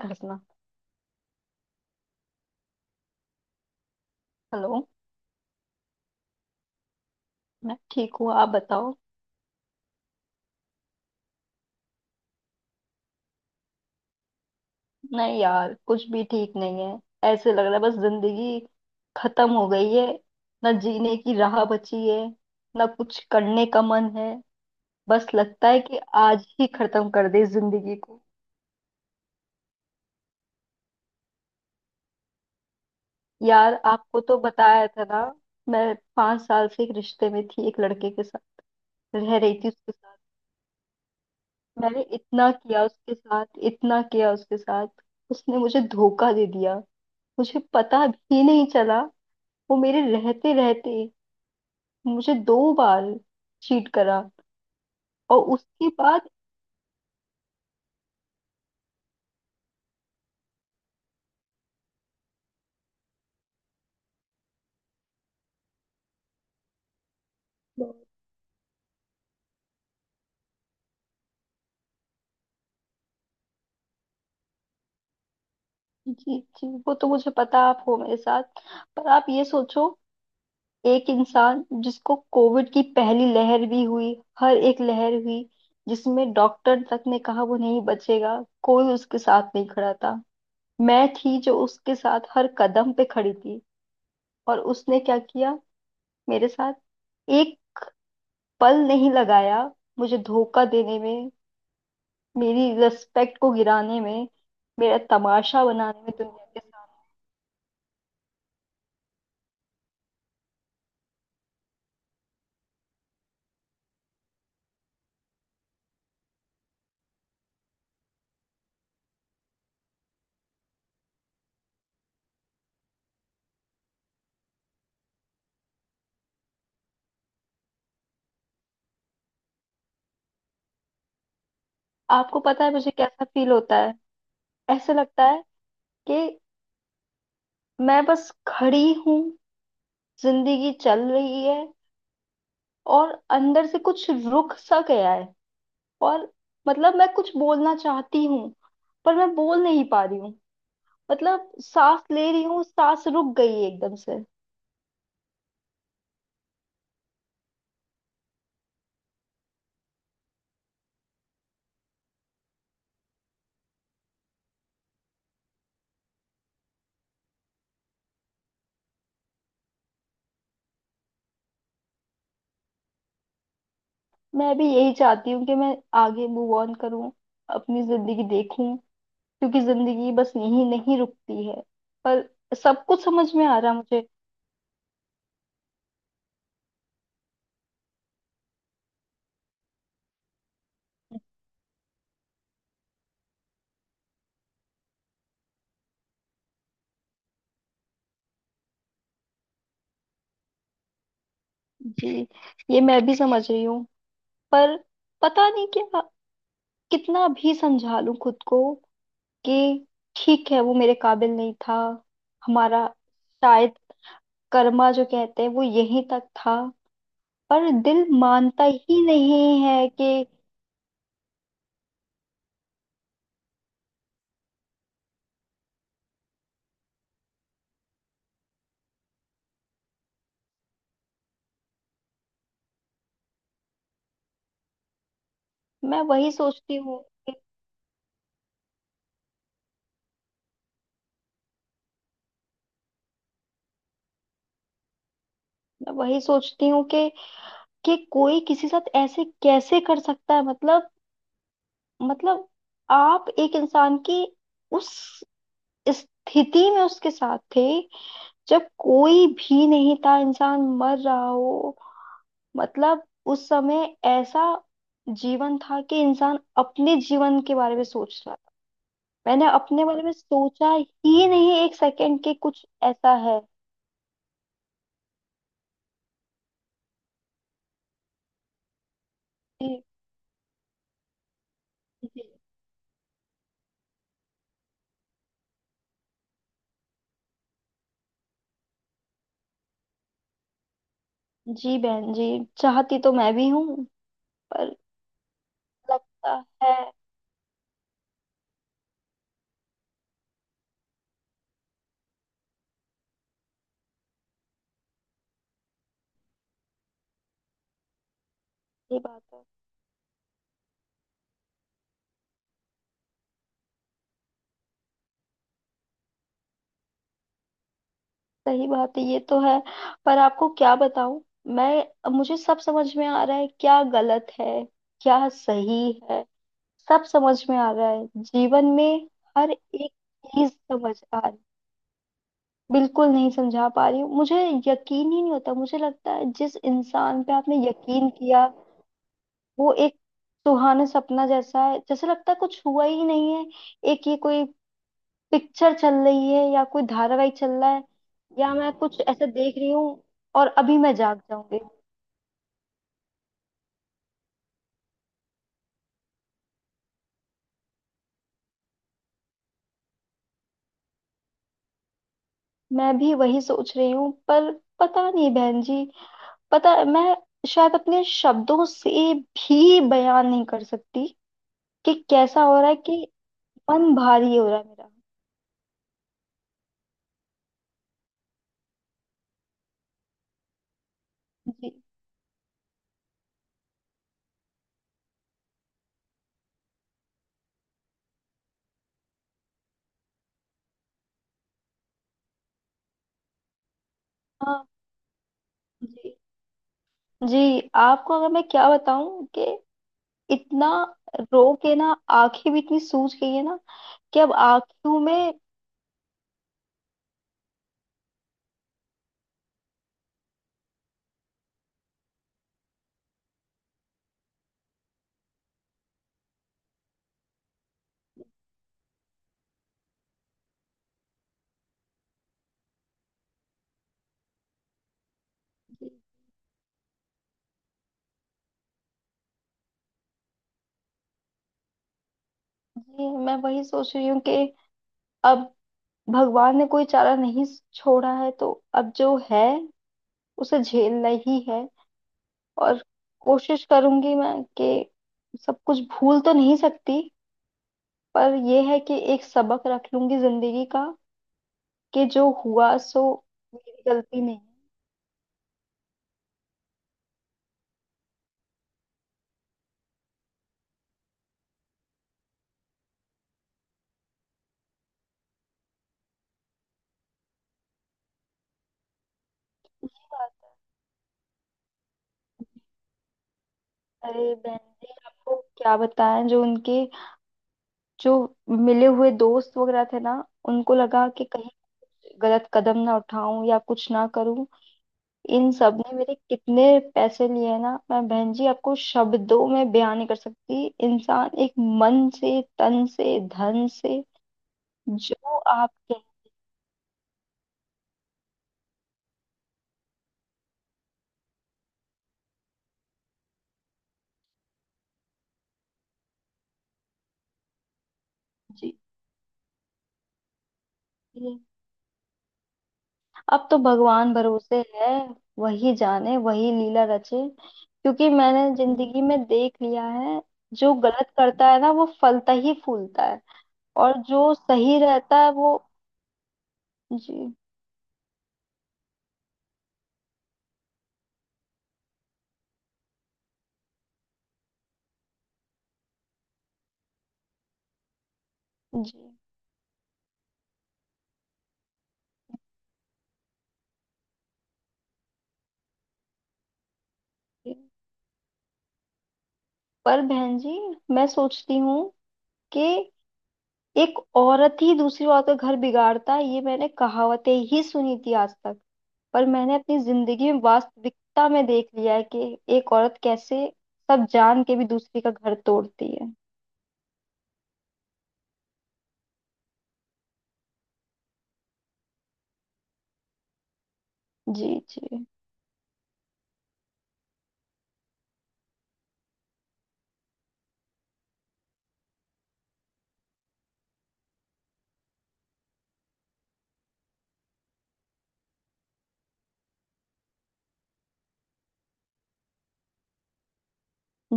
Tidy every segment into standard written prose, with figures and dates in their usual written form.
हंसना। हेलो। मैं ठीक हूँ, आप बताओ। नहीं यार, कुछ भी ठीक नहीं है। ऐसे लग रहा है बस जिंदगी खत्म हो गई है। ना जीने की राह बची है, ना कुछ करने का मन है। बस लगता है कि आज ही खत्म कर दे जिंदगी को। यार, आपको तो बताया था ना, मैं 5 साल से एक रिश्ते में थी, एक लड़के के साथ रह रही थी उसके साथ। मैंने इतना किया उसके साथ, इतना किया उसके साथ, उसने मुझे धोखा दे दिया। मुझे पता भी नहीं चला। वो मेरे रहते रहते मुझे 2 बार चीट करा। और उसके बाद जी जी, वो तो मुझे पता आप हो मेरे साथ। पर आप ये सोचो, एक इंसान जिसको कोविड की पहली लहर भी हुई, हर एक लहर हुई, जिसमें डॉक्टर तक ने कहा वो नहीं बचेगा, कोई उसके साथ नहीं खड़ा था, मैं थी जो उसके साथ हर कदम पे खड़ी थी। और उसने क्या किया मेरे साथ? एक पल नहीं लगाया मुझे धोखा देने में, मेरी रिस्पेक्ट को गिराने में, मेरा तमाशा बनाने में दुनिया के सामने। आपको पता है मुझे कैसा फील होता है? ऐसे लगता है कि मैं बस खड़ी हूँ, जिंदगी चल रही है, और अंदर से कुछ रुक सा गया है। और मतलब मैं कुछ बोलना चाहती हूँ पर मैं बोल नहीं पा रही हूँ। मतलब सांस ले रही हूँ, सांस रुक गई है एकदम से। मैं भी यही चाहती हूँ कि मैं आगे मूव ऑन करूँ, अपनी जिंदगी देखूं, क्योंकि जिंदगी बस यहीं नहीं रुकती है। पर सब कुछ समझ में आ रहा मुझे। जी, ये मैं भी समझ रही हूँ, पर पता नहीं क्या, कितना भी समझा लूं खुद को कि ठीक है वो मेरे काबिल नहीं था, हमारा शायद कर्मा जो कहते हैं वो यहीं तक था, पर दिल मानता ही नहीं है कि मैं वही सोचती हूँ। मैं वही सोचती हूँ कि कोई किसी साथ ऐसे कैसे कर सकता है। मतलब आप एक इंसान की उस स्थिति में उसके साथ थे जब कोई भी नहीं था, इंसान मर रहा हो, मतलब उस समय ऐसा जीवन था कि इंसान अपने जीवन के बारे में सोच रहा था। मैंने अपने बारे में सोचा ही नहीं एक सेकंड के, कुछ ऐसा है। जी जी जी बहन जी, चाहती तो मैं भी हूँ पर लगता है। ये बात है। सही बात है, ये तो है। पर आपको क्या बताऊं, मैं मुझे सब समझ में आ रहा है क्या गलत है, क्या सही है, सब समझ में आ रहा है जीवन में। हर एक चीज समझ आ रही, बिल्कुल नहीं समझा पा रही हूँ मुझे यकीन ही नहीं होता। मुझे लगता है जिस इंसान पे आपने यकीन किया वो एक सुहाना सपना जैसा है। जैसे लगता है कुछ हुआ ही नहीं है, एक ये कोई पिक्चर चल रही है या कोई धारावाहिक चल रहा है, या मैं कुछ ऐसा देख रही हूँ और अभी मैं जाग जाऊंगी। मैं भी वही सोच रही हूँ, पर पता नहीं बहन जी, पता, मैं शायद अपने शब्दों से भी बयान नहीं कर सकती कि कैसा हो रहा है, कि मन भारी हो रहा है मेरा। जी, हाँ जी, जी, आपको अगर मैं क्या बताऊं कि इतना रो के ना आंखें भी इतनी सूज गई है ना कि अब आंखों में। जी, मैं वही सोच रही हूँ कि अब भगवान ने कोई चारा नहीं छोड़ा है तो अब जो है उसे झेलना ही है। और कोशिश करूंगी मैं, कि सब कुछ भूल तो नहीं सकती, पर यह है कि एक सबक रख लूंगी जिंदगी का, कि जो हुआ सो मेरी गलती नहीं है। ये बात है। अरे बहन जी, आपको क्या बताएं, जो उनके जो मिले हुए दोस्त वगैरह थे ना, उनको लगा कि कहीं गलत कदम ना उठाऊं या कुछ ना करूं, इन सब ने मेरे कितने पैसे लिए हैं ना। मैं बहन जी आपको शब्दों में बयान नहीं कर सकती। इंसान एक मन से, तन से, धन से, जो आप कहें। जी जी। अब तो भगवान भरोसे है, वही जाने, वही लीला रचे, क्योंकि मैंने जिंदगी में देख लिया है, जो गलत करता है ना वो फलता ही फूलता है, और जो सही रहता है वो, जी जी जी। पर बहन जी, मैं सोचती हूँ कि एक औरत ही दूसरी औरत का घर बिगाड़ता है, ये मैंने कहावतें ही सुनी थी आज तक, पर मैंने अपनी जिंदगी में वास्तविकता में देख लिया है कि एक औरत कैसे सब जान के भी दूसरी का घर तोड़ती है। जी जी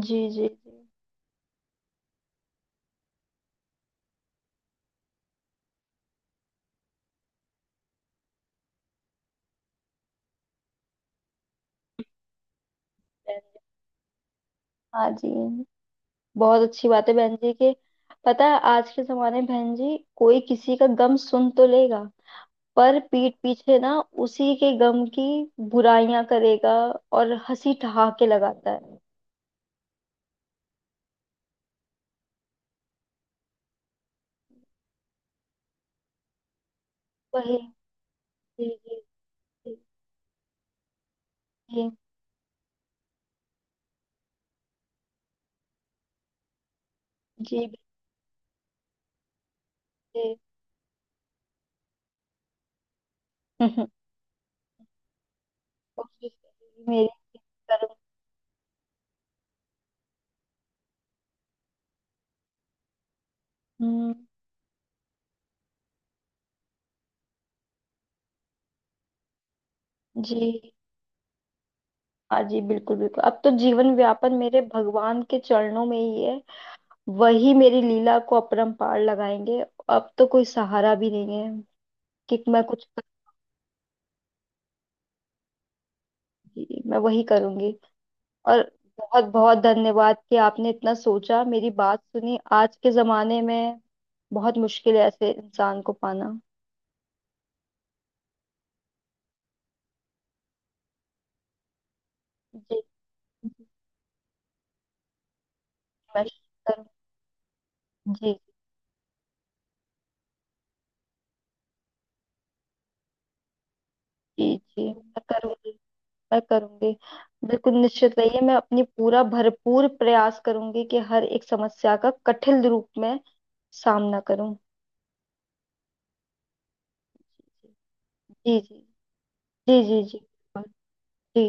जी जी जी बहन जी। हाँ जी, बहुत अच्छी बात है बहन जी के। पता है, आज के जमाने में बहन जी कोई किसी का गम सुन तो लेगा, पर पीठ पीछे ना उसी के गम की बुराइयां करेगा और हंसी ठहाके लगाता है। वही, जी जी जी जी, बिल्कुल। कोशिश करेगी मेरी कर्म। हम्म, जी, हाँ जी, बिल्कुल बिल्कुल, अब तो जीवन व्यापन मेरे भगवान के चरणों में ही है, वही मेरी लीला को अपरंपार लगाएंगे। अब तो कोई सहारा भी नहीं है कि मैं कुछ करूंगी, मैं वही करूंगी। और बहुत बहुत धन्यवाद कि आपने इतना सोचा, मेरी बात सुनी। आज के जमाने में बहुत मुश्किल है ऐसे इंसान को पाना। जी जी, मैं करूंगी। जी जी जी, मैं करूंगी, मैं करूंगी। बिल्कुल निश्चित रहिए, मैं अपनी पूरा भरपूर प्रयास करूंगी कि हर एक समस्या का कठिन रूप में सामना करूं। जी जी जी जी जी जी जी।